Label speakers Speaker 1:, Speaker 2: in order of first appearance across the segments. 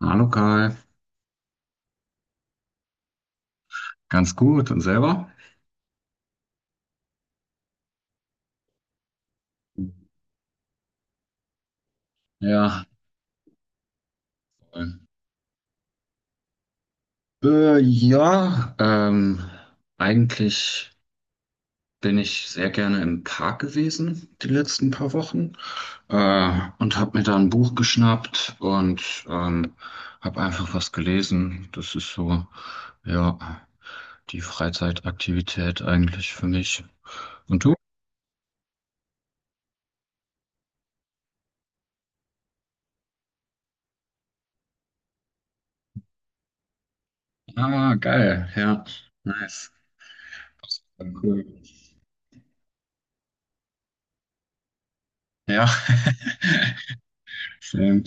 Speaker 1: Hallo Kai, ganz gut und selber? Ja, ja, eigentlich bin ich sehr gerne im Park gewesen die letzten paar Wochen und habe mir da ein Buch geschnappt und habe einfach was gelesen. Das ist so, ja, die Freizeitaktivität eigentlich für mich. Und du? Ah, geil, ja, nice. Cool. Ja, schön.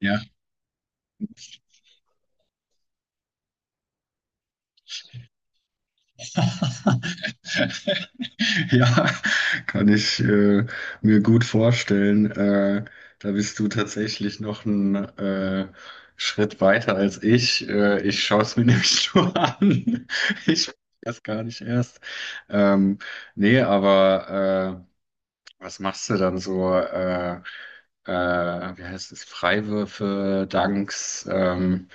Speaker 1: Ja. Ja, kann ich mir gut vorstellen. Da bist du tatsächlich noch einen Schritt weiter als ich. Ich schaue es mir nämlich nur an. Ich weiß das gar nicht erst. Ähm, Nee, aber was machst du dann so? Äh, Wie heißt es? Freiwürfe, Danks?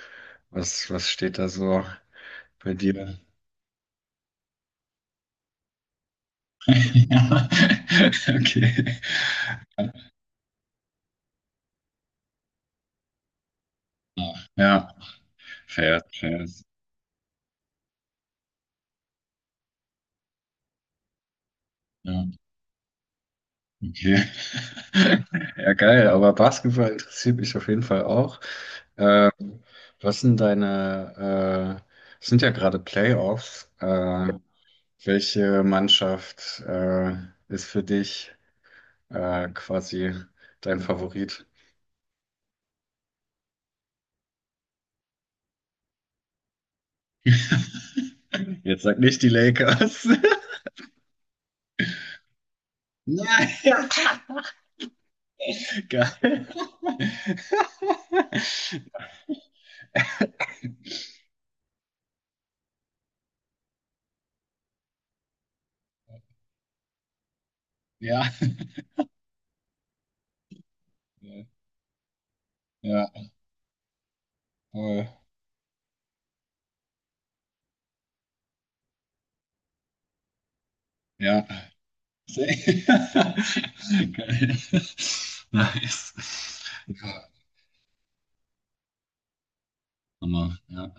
Speaker 1: Was steht da so bei dir? Ja, okay. Ja, fair, fair. Ja, okay. Ja, geil, aber Basketball interessiert mich auf jeden Fall auch. Ähm, Was sind deine, es sind ja gerade Playoffs. Welche Mannschaft, ist für dich, quasi dein Favorit? Jetzt sag nicht die Lakers. Nein, geil. Ja. Ja, voll. Ja. Sehr- Geil. Nice. Ja, Hammer. Ja.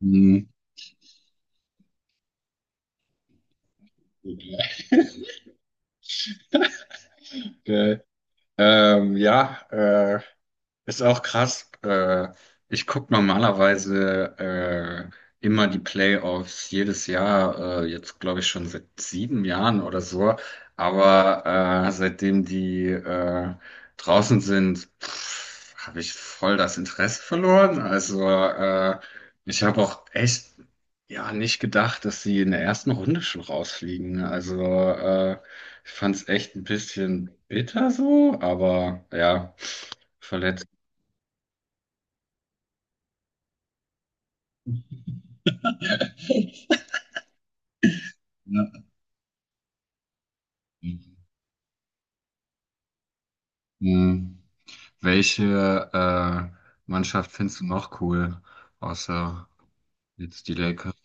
Speaker 1: Mhm. Gut, ja. Geil. Ja, ist auch krass. Ich gucke normalerweise immer die Playoffs jedes Jahr, jetzt glaube ich schon seit 7 Jahren oder so. Aber seitdem die draußen sind, habe ich voll das Interesse verloren. Also ich habe auch echt ja nicht gedacht, dass sie in der ersten Runde schon rausfliegen. Also ich fand es echt ein bisschen bitter so, aber ja. Verletzt. Ja. Hm. Welche Mannschaft findest du noch cool, außer jetzt die Lakers?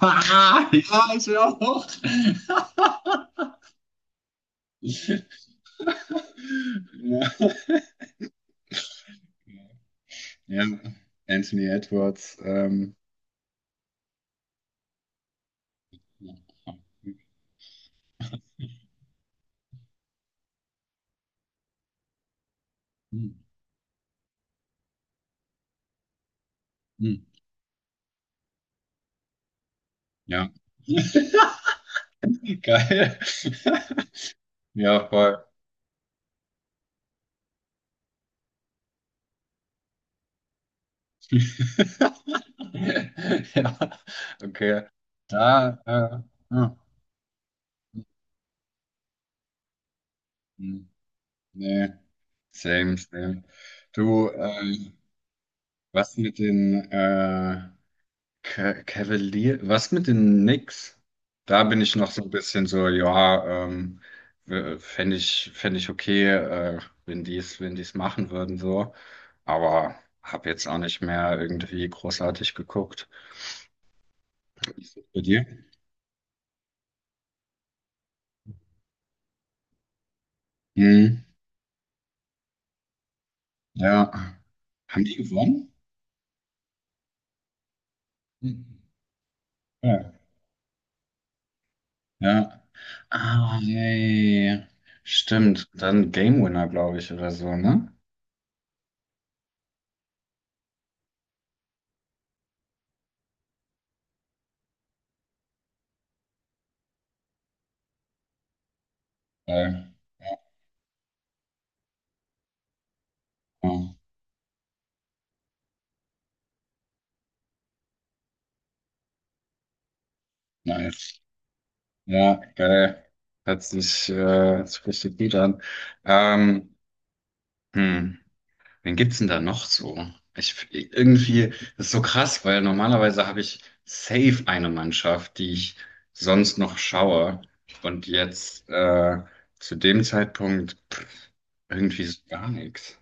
Speaker 1: Ah, ja, ich will auch. Ja. Ja, Anthony Edwards. Hm, hm, ja, geil. Ja, voll. Ja, okay. Da, hm, hm, nee. Same, same. Du, was mit den Cavalier, was mit den Knicks? Da bin ich noch so ein bisschen so, ja, fänd ich okay, wenn die es machen würden, so. Aber habe jetzt auch nicht mehr irgendwie großartig geguckt. Wie ist das bei dir? Hm, ja. Haben die gewonnen? Mhm. Ja. Ja. Ah, yeah, yeah, yeah. Stimmt. Dann Game Winner, glaube ich, oder so, ne? Geil. Ja, ja, nice. Ja, geil. Hört sich richtig gut an. Ähm, hm, Wen gibt's denn da noch so? Irgendwie, das ist so krass, weil normalerweise habe ich safe eine Mannschaft, die ich sonst noch schaue. Und jetzt, zu dem Zeitpunkt, pff, irgendwie so gar nichts.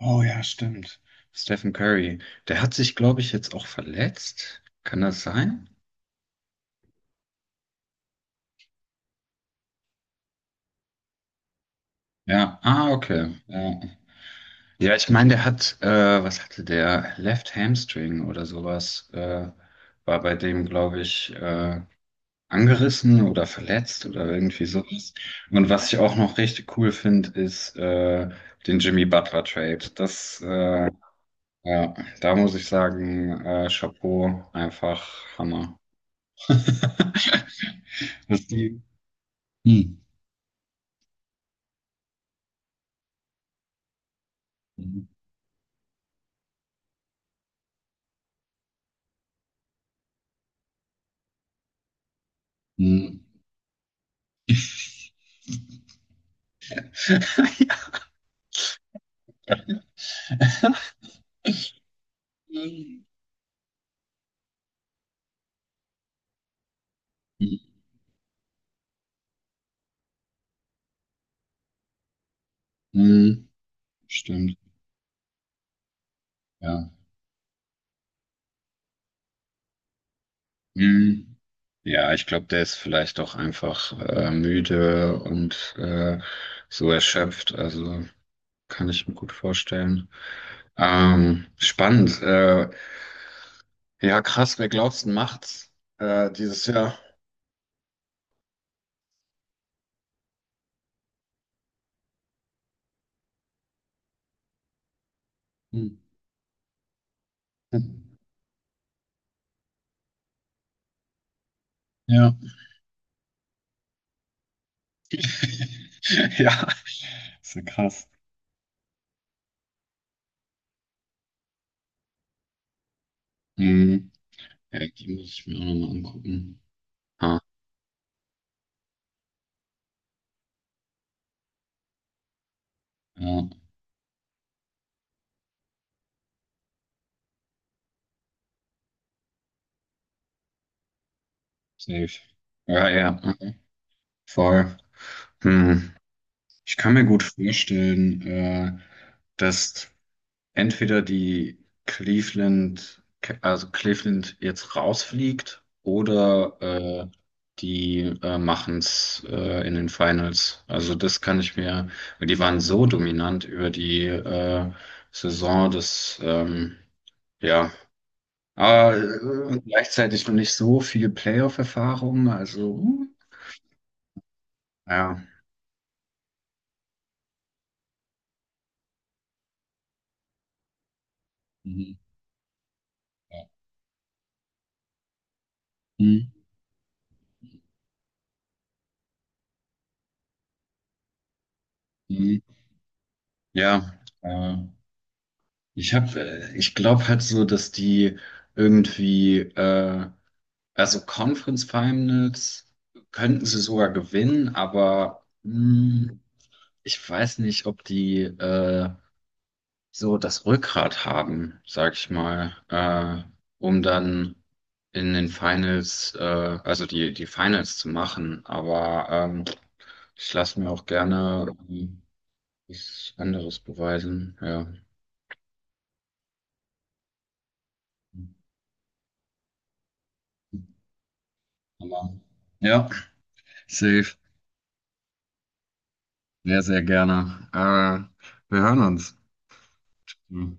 Speaker 1: Oh ja, stimmt. Stephen Curry. Der hat sich, glaube ich, jetzt auch verletzt. Kann das sein? Ja, ah, okay. Ja, ja ich meine, was hatte der? Left Hamstring oder sowas, war bei dem, glaube ich, angerissen oder verletzt oder irgendwie sowas. Und was ich auch noch richtig cool finde, ist den Jimmy Butler Trade. Das, ja, da muss ich sagen, Chapeau, einfach Hammer. Was die. Hm. Hm. Ja. Hm, stimmt, ja. Hm. Ja, ich glaube, der ist vielleicht auch einfach müde und so erschöpft. Also kann ich mir gut vorstellen. Spannend. Ja, krass, wer glaubst du macht's dieses Jahr? Hm. Ja. Ja, ist ja krass. Hm. Ja, die muss ich mir auch nochmal angucken. Ah, ja, safe. Ja, ja, mhm. Voll. Hm. Ich kann mir gut vorstellen, dass entweder Cleveland, also Cleveland jetzt rausfliegt oder die machen es in den Finals. Also das kann ich mir, weil die waren so dominant über die Saison, dass ja, aber gleichzeitig noch nicht so viel Playoff-Erfahrung, also ja. Mhm. Mhm. Mhm. Ja, äh, ich glaube halt so, dass die irgendwie, also Conference Finals könnten sie sogar gewinnen, aber ich weiß nicht, ob die so das Rückgrat haben, sag ich mal, um dann in den Finals, also die Finals zu machen. Aber ich lasse mir auch gerne was anderes beweisen, ja. Aber, ja. Safe. Sehr, sehr gerne. Wir hören uns. Hm.